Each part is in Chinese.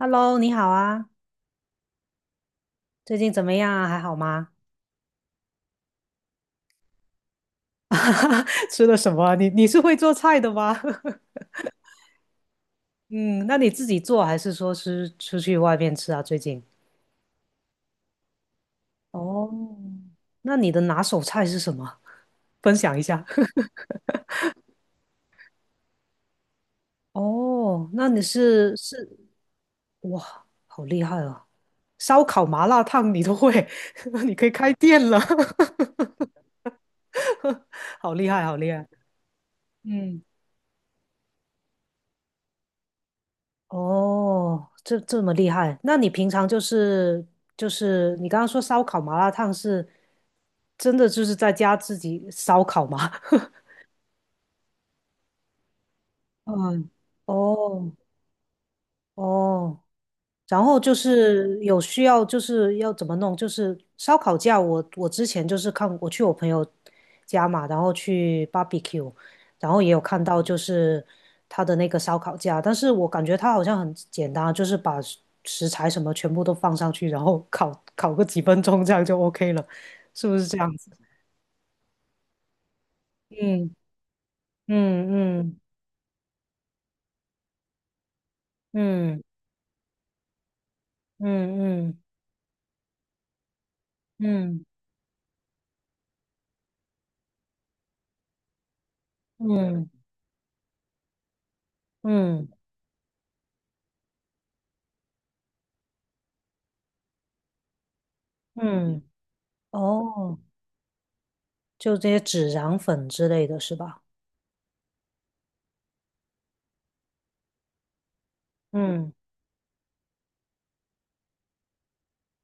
Hello，你好啊，最近怎么样啊？还好吗？吃了什么啊你是会做菜的吗？嗯，那你自己做还是说是出去外面吃啊？最近？哦，那你的拿手菜是什么？分享一下。哦，那你是哇，好厉害哦！烧烤、麻辣烫你都会，你可以开店了，好厉害，好厉害！嗯。哦，这么厉害？那你平常就是你刚刚说烧烤麻辣烫是真的就是在家自己烧烤吗？嗯，哦哦，然后就是有需要，就是要怎么弄，就是烧烤架我之前就是看我去我朋友家嘛，然后去 barbecue，然后也有看到就是他的那个烧烤架，但是我感觉他好像很简单啊，就是把食材什么全部都放上去，然后烤个几分钟，这样就 OK 了，是不是这样子？嗯嗯嗯嗯嗯嗯嗯嗯嗯嗯，哦。就这些孜然粉之类的是吧？嗯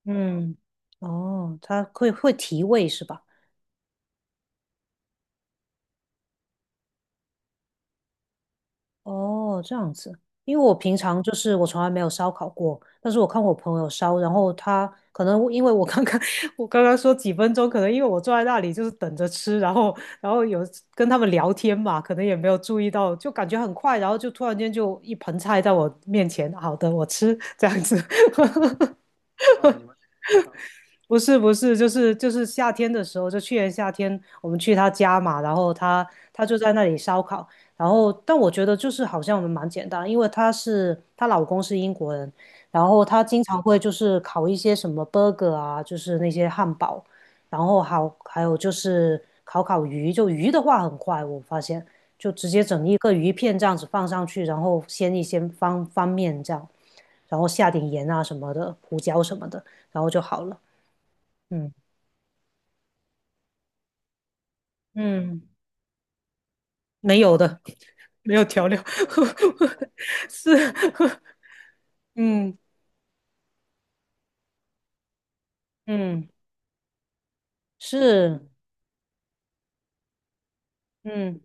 嗯，哦，它会提味是吧？哦，这样子，因为我平常就是我从来没有烧烤过，但是我看我朋友烧，然后他可能因为我刚刚 我刚刚说几分钟，可能因为我坐在那里就是等着吃，然后有跟他们聊天嘛，可能也没有注意到，就感觉很快，然后就突然间就一盆菜在我面前，好的，我吃这样子，不是不是，就是夏天的时候，就去年夏天我们去他家嘛，然后他就在那里烧烤，然后但我觉得就是好像我们蛮简单，因为她老公是英国人，然后他经常会就是烤一些什么 burger 啊，就是那些汉堡，然后好还有就是烤鱼，就鱼的话很快，我发现就直接整一个鱼片这样子放上去，然后先一些方方面这样，然后下点盐啊什么的，胡椒什么的，然后就好了。嗯嗯，没有的，没有调料，是，嗯嗯是，嗯，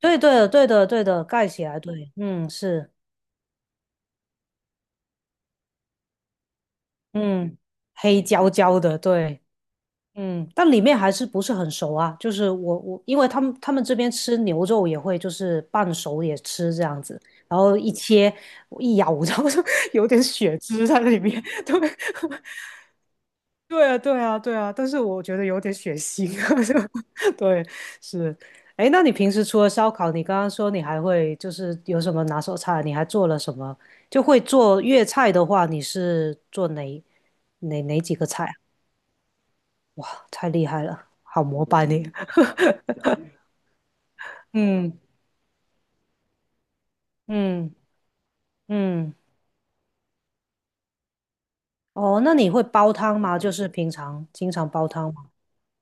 对对对的对的，盖起来，对，嗯是，嗯，黑焦焦的，对，嗯，但里面还是不是很熟啊，就是我，因为他们这边吃牛肉也会就是半熟也吃这样子，然后一切我一咬，然后就有点血汁在里面，对，对啊，对啊，对啊，但是我觉得有点血腥，啊。就对，是。哎，那你平时除了烧烤，你刚刚说你还会就是有什么拿手菜？你还做了什么？就会做粤菜的话，你是做哪几个菜啊哇，太厉害了，好膜拜你。嗯嗯嗯，哦，那你会煲汤吗？就是平常经常煲汤吗？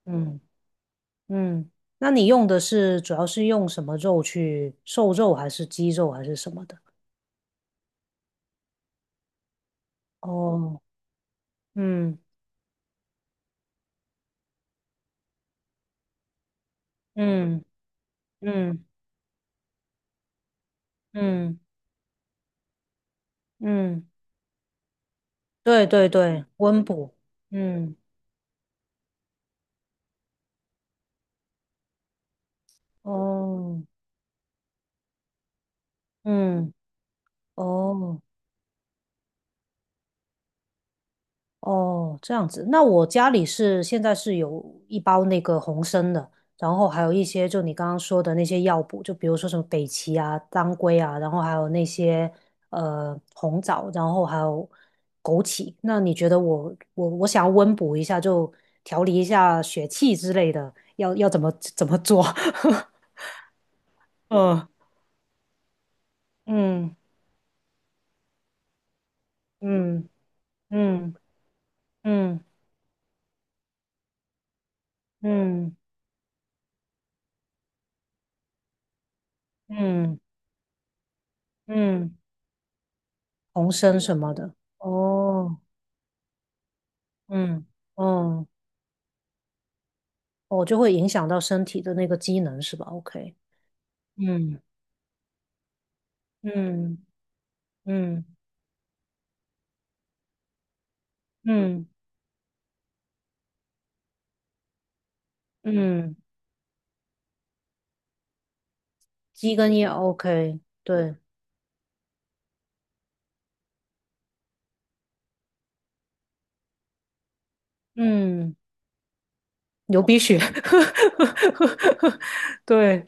嗯嗯，那你用的是主要是用什么肉去？瘦肉还是鸡肉还是什么的？哦，嗯嗯嗯嗯嗯，对对对，温补，嗯，哦，嗯哦。哦，这样子。那我家里是现在是有一包那个红参的，然后还有一些就你刚刚说的那些药补，就比如说什么北芪啊、当归啊，然后还有那些红枣，然后还有枸杞。那你觉得我想要温补一下，就调理一下血气之类的，要怎么做？嗯嗯嗯嗯嗯嗯嗯嗯，红参什么的。哦。嗯，哦，哦，就会影响到身体的那个机能是吧？OK，嗯嗯嗯嗯嗯，鸡跟鸭 OK，对，嗯，流鼻血，对，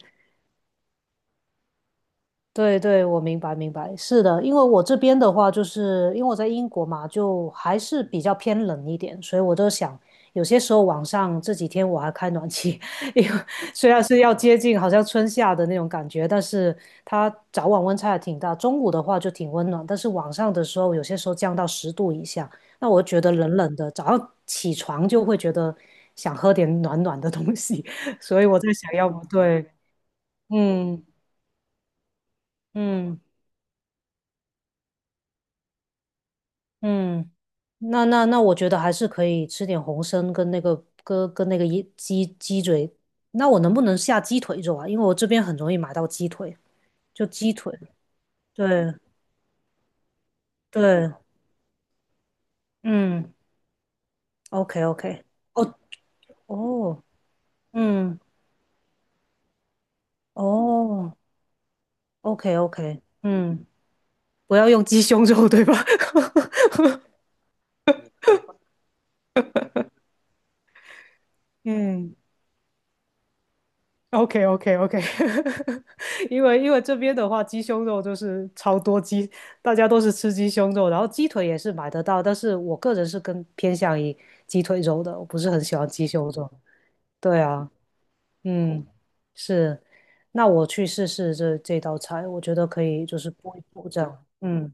对对，我明白明白，是的，因为我这边的话，就是因为我在英国嘛，就还是比较偏冷一点，所以我就想，有些时候晚上这几天我还开暖气，因为虽然是要接近好像春夏的那种感觉，但是它早晚温差也挺大，中午的话就挺温暖，但是晚上的时候有些时候降到10度以下，那我觉得冷冷的，早上起床就会觉得想喝点暖暖的东西，所以我在想要不对，嗯嗯。嗯，那，我觉得还是可以吃点红参跟那个一鸡嘴。那我能不能下鸡腿肉啊？因为我这边很容易买到鸡腿，就鸡腿。对对，嗯，OK OK，哦哦，嗯哦，OK OK，嗯，不要用鸡胸肉对吧？嗯。OK OK OK，因为这边的话，鸡胸肉就是超多鸡，大家都是吃鸡胸肉，然后鸡腿也是买得到，但是我个人是更偏向于鸡腿肉的，我不是很喜欢鸡胸肉。对啊，嗯，是，那我去试试这道菜，我觉得可以，就是补一补这样。嗯，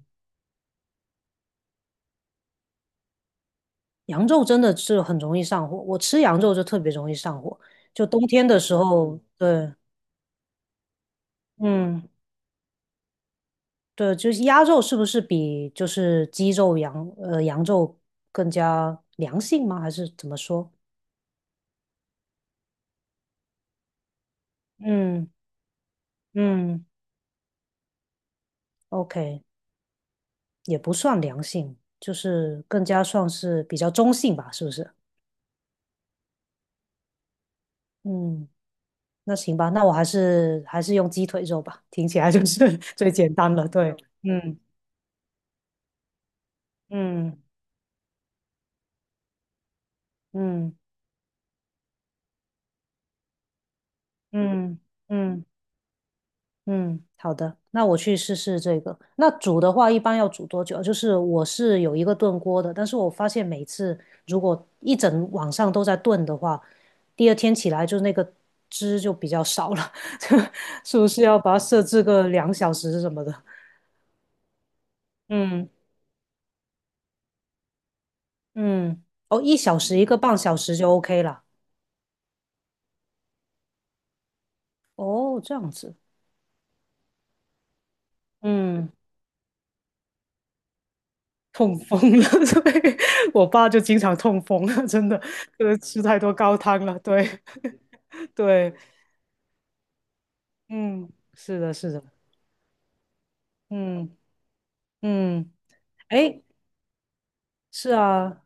羊肉真的是很容易上火，我吃羊肉就特别容易上火，就冬天的时候，对，嗯。对，就是鸭肉是不是比就是鸡肉、羊肉更加良性吗？还是怎么说？嗯嗯，OK，也不算良性，就是更加算是比较中性吧，是不是？嗯，那行吧，那我还是用鸡腿肉吧，听起来就是 最简单了。对，嗯嗯嗯嗯嗯嗯。嗯，好的，那我去试试这个。那煮的话，一般要煮多久啊？就是我是有一个炖锅的，但是我发现每次如果一整晚上都在炖的话，第二天起来就那个汁就比较少了，就是不是要把它设置个2小时什么的？嗯嗯，哦，1小时1个半小时就 OK 了。哦，这样子，嗯，痛风了，对，我爸就经常痛风了，真的，就是吃太多高汤了，对对。嗯，是的，是的，嗯嗯，哎，是啊，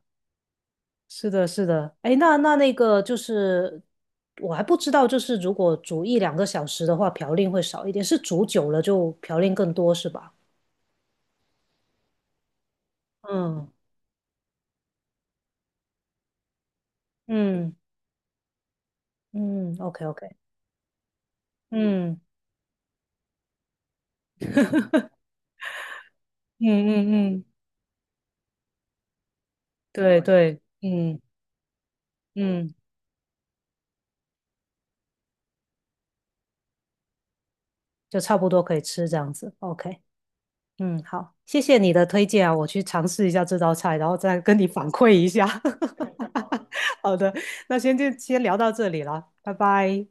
是的，是的，哎，那个就是，我还不知道，就是如果煮一两个小时的话，嘌呤会少一点，是煮久了就嘌呤更多是吧？嗯嗯嗯，OK OK，嗯 嗯嗯嗯，对对，嗯嗯，就差不多可以吃这样子，OK。嗯，好，谢谢你的推荐啊，我去尝试一下这道菜，然后再跟你反馈一下。好的，那先就先聊到这里了，拜拜。